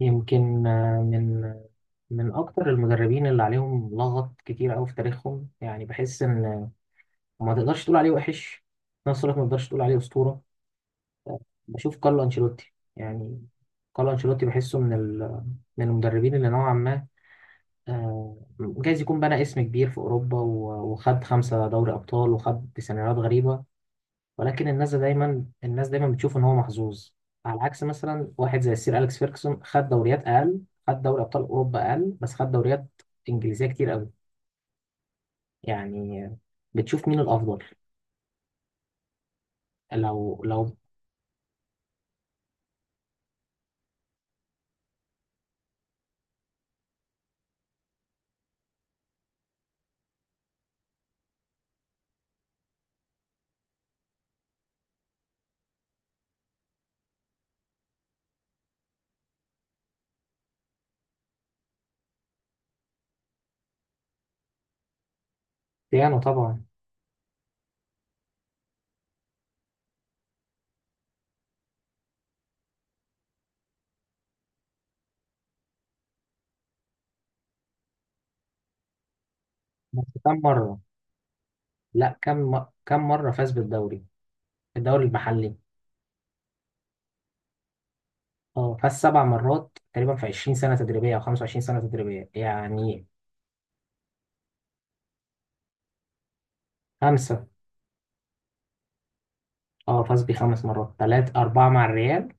يمكن من اكتر المدربين اللي عليهم لغط كتير قوي في تاريخهم، يعني بحس ان ما تقدرش تقول عليه وحش، في نفس الوقت ما تقدرش تقول عليه اسطوره. بشوف كارلو انشيلوتي، يعني كارلو انشيلوتي بحسه من المدربين اللي نوعا ما، جايز يكون بنى اسم كبير في اوروبا وخد خمسه دوري ابطال، وخد سيناريوهات غريبه. ولكن الناس دايما بتشوف ان هو محظوظ. على عكس مثلا واحد زي السير اليكس فيركسون، خد دوريات اقل، خد دوري ابطال اوروبا اقل، بس خد دوريات انجليزيه كتير قوي. يعني بتشوف مين الافضل؟ لو. بيانو طبعا. بس كم مره؟ لا، كم مره فاز بالدوري؟ الدوري المحلي. اه، فاز سبع مرات تقريبا في 20 سنه تدريبيه او 25 سنه تدريبيه يعني. خمسه. اه، فاز بخمس مرات، ثلاث اربعه مع الريال،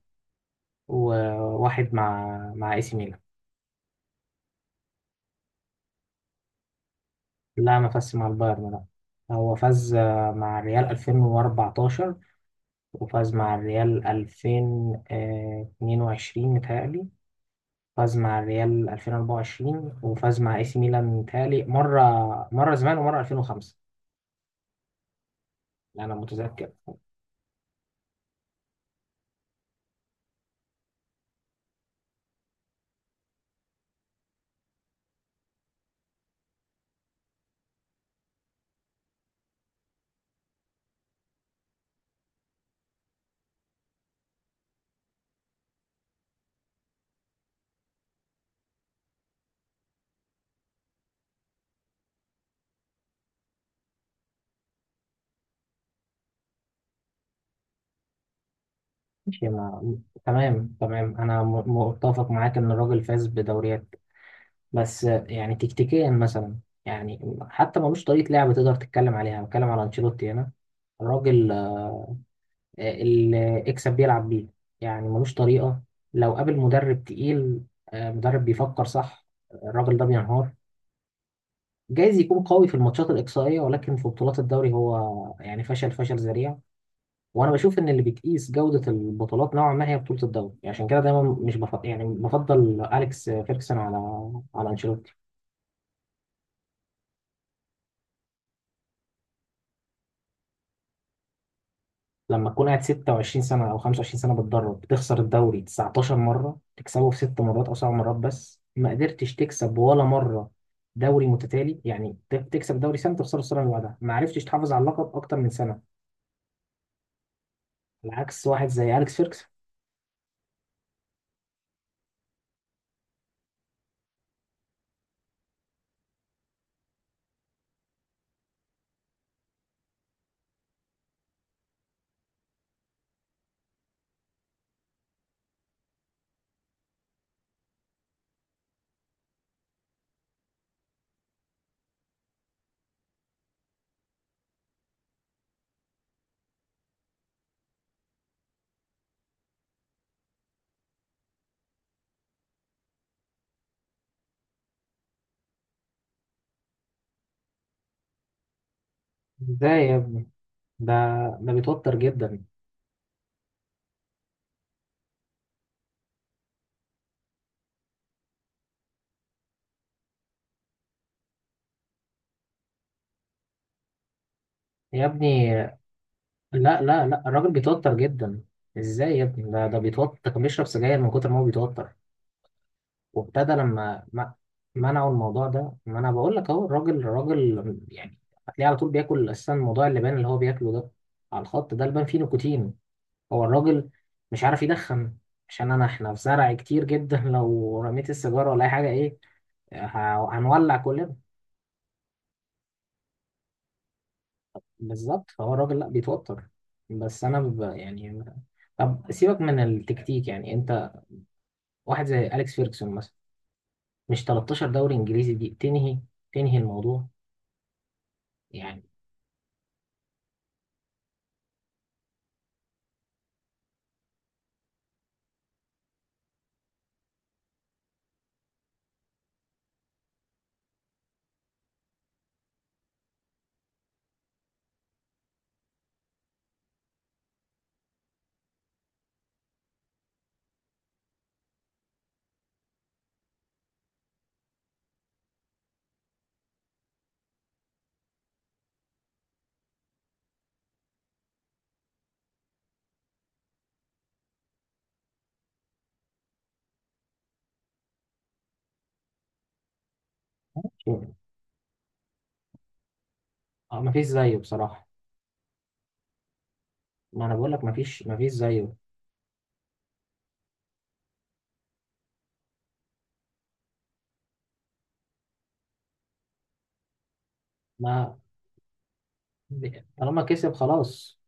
وواحد مع اي سي ميلان. لا، ما فازش مع البايرن، لا. هو فاز، مع الريال 2014، وفاز مع الريال 2022 متهيألي، فاز مع الريال 2024، وفاز مع اي سي ميلان متهيألي مرة زمان، ومرة 2005، أنا متذكر. ماشي، ما... تمام تمام، أنا متفق معاك إن الراجل فاز بدوريات. بس يعني تكتيكيا مثلا، يعني حتى ملوش طريقة لعب تقدر تتكلم عليها. بتكلم على أنشيلوتي هنا، الراجل اللي اكسب بيلعب بيه. يعني ملوش طريقة. لو قابل مدرب تقيل، مدرب بيفكر صح، الراجل ده بينهار. جايز يكون قوي في الماتشات الإقصائية، ولكن في بطولات الدوري هو يعني فشل فشل ذريع. وأنا بشوف إن اللي بتقيس جودة البطولات نوعا ما هي بطولة الدوري، عشان كده دايما مش بفضل، يعني بفضل أليكس فيركسون على أنشيلوتي. لما تكون قاعد 26 سنة أو 25 سنة بتدرب، بتخسر الدوري 19 مرة، تكسبه في ست مرات أو سبع مرات، بس ما قدرتش تكسب ولا مرة دوري متتالي. يعني تكسب دوري سنة، تخسره السنة اللي بعدها، ما عرفتش تحافظ على اللقب أكتر من سنة، على عكس واحد زي أليكس فيركس. ده يا ابني، ده ده بيتوتر جدا. يا ابني، لا لا لا، الراجل بيتوتر جدا. ازاي يا ابني، ده بيتوتر، كان بيشرب سجاير من كتر ما هو بيتوتر. وابتدى لما منعوا الموضوع ده. ما انا بقول لك اهو، الراجل يعني هتلاقيه على طول بياكل، اساسا موضوع اللبان اللي هو بياكله ده على الخط، ده لبان فيه نيكوتين. هو الراجل مش عارف يدخن، عشان احنا في زرع كتير جدا لو رميت السيجاره ولا اي حاجه، ايه، هنولع كلنا. بالظبط. فهو الراجل لا بيتوتر. بس انا يعني طب سيبك من التكتيك، يعني انت واحد زي اليكس فيرجسون مثلا، مش 13 دوري انجليزي دي تنهي الموضوع يعني؟ اه، مفيش زيه بصراحة. ما انا بقول لك مفيش زيه. ما طالما كسب خلاص.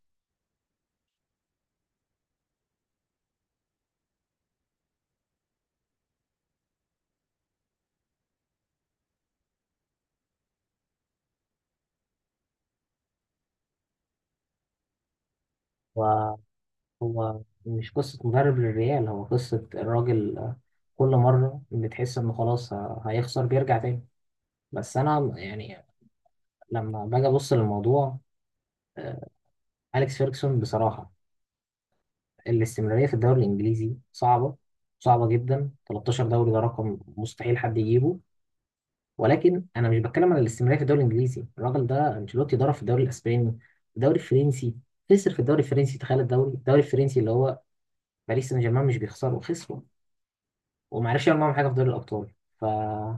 هو هو مش قصة مدرب للريال، هو قصة الراجل، كل مرة بتحس انه خلاص هيخسر، بيرجع تاني. بس انا يعني لما باجي ابص للموضوع، آه، اليكس فيرجسون بصراحة، الاستمرارية في الدوري الانجليزي صعبة صعبة جدا، 13 دوري ده رقم مستحيل حد يجيبه. ولكن انا مش بتكلم على الاستمراريه في الدوري الانجليزي. الراجل ده انشيلوتي ضرب في الدوري الاسباني، الدوري الفرنسي، خسر في الدوري الفرنسي. تخيل الدوري الفرنسي اللي هو باريس سان جيرمان، مش بيخسره، خسره، وما عرفش يعمل معاهم حاجه في دوري الابطال. ف هو.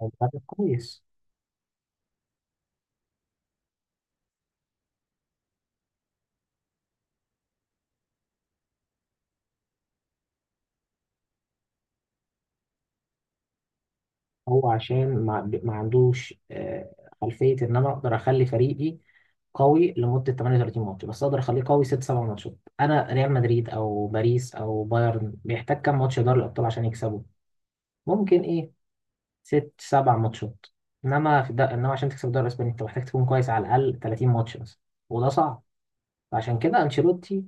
مدرب كويس. هو عشان ما عندوش، خلفيه ان انا اقدر اخلي فريقي قوي لمده 38 ماتش. بس اقدر اخليه قوي 6 7 ماتشات. انا ريال مدريد او باريس او بايرن بيحتاج كام ماتش دوري الابطال عشان يكسبه؟ ممكن ايه، ست سبع ماتشات. انما في ده انما عشان تكسب الدوري الاسباني، انت محتاج تكون كويس على الاقل 30 ماتش مثلا، وده صعب. فعشان كده انشيلوتي،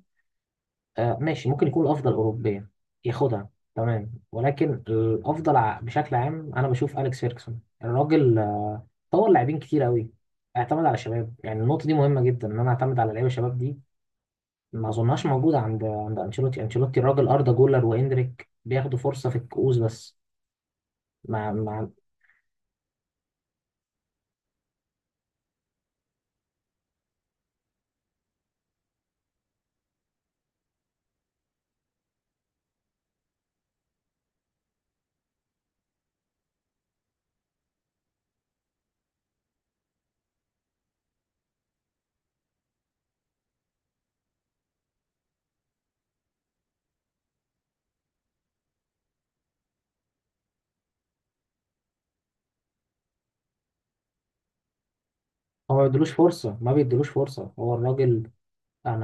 ماشي ممكن يكون الافضل اوروبيا، ياخدها. تمام. ولكن الافضل بشكل عام انا بشوف اليكس فيركسون. الراجل طور لاعبين كتير قوي، اعتمد على الشباب. يعني النقطه دي مهمه جدا، ان انا اعتمد على لعيبه الشباب. دي ما اظنهاش موجوده عند انشيلوتي. انشيلوتي الراجل اردا جولر واندريك بياخدوا فرصه في الكؤوس بس. ما.. هو ما بيدلوش فرصه، ما بيدلوش فرصه، هو الراجل. انا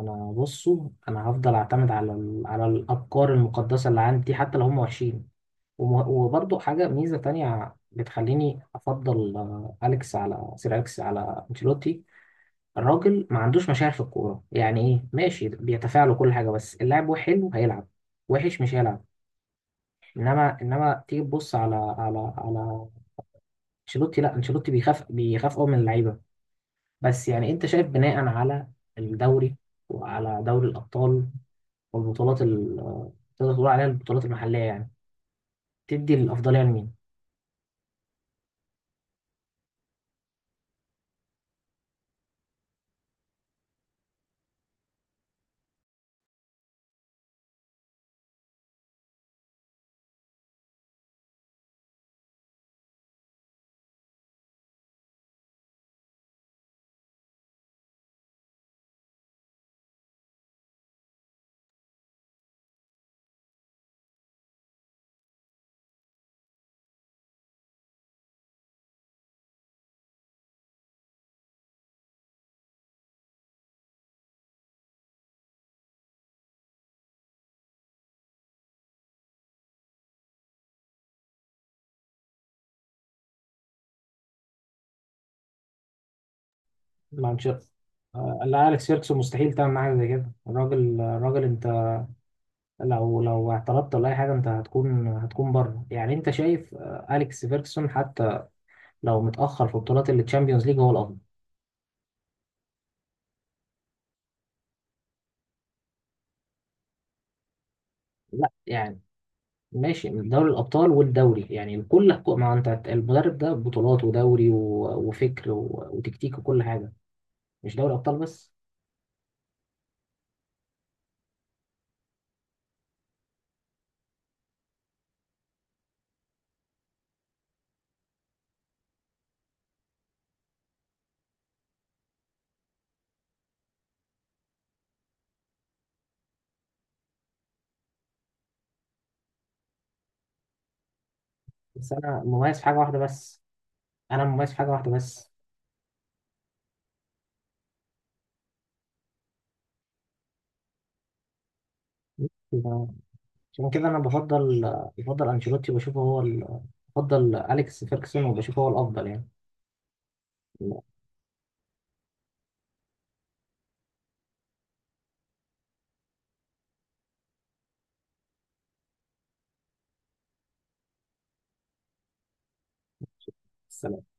انا بصوا، هفضل اعتمد على على الافكار المقدسه اللي عندي، حتى لو هم وحشين. وبرضه حاجه ميزه تانية بتخليني افضل اليكس على سير اليكس على انشيلوتي. الراجل ما عندوش مشاعر في الكوره. يعني ايه، ماشي بيتفاعل وكل حاجه، بس اللاعب هو حلو هيلعب، وحش مش هيلعب. انما تيجي تبص على على انشيلوتي. لا، انشيلوتي بيخاف، بيخاف قوي من اللعيبه. بس يعني انت شايف، بناء على الدوري، وعلى دوري الابطال، والبطولات تقدر تقول عليها البطولات المحلية يعني، تدي الأفضلية لمين؟ مانشستر. لا، أليكس فيركسون مستحيل تعمل معاه زي كده. الراجل أنت، لو اعترضت ولا أي حاجة، أنت هتكون بره. يعني أنت شايف أليكس فيركسون، حتى لو متأخر في بطولات التشامبيونز ليج، هو الأفضل. لا يعني، ماشي، من دوري الأبطال والدوري يعني، كل ما أنت المدرب ده بطولات ودوري وفكر وتكتيك وكل حاجة، مش دوري أبطال بس. بس أنا مميز في حاجة واحدة بس. أنا مميز في حاجة واحدة بس. يبقى، عشان كده انا بفضل انشيلوتي وبشوفه هو بفضل اليكس فيركسون وبشوفه هو الافضل يعني. السلام.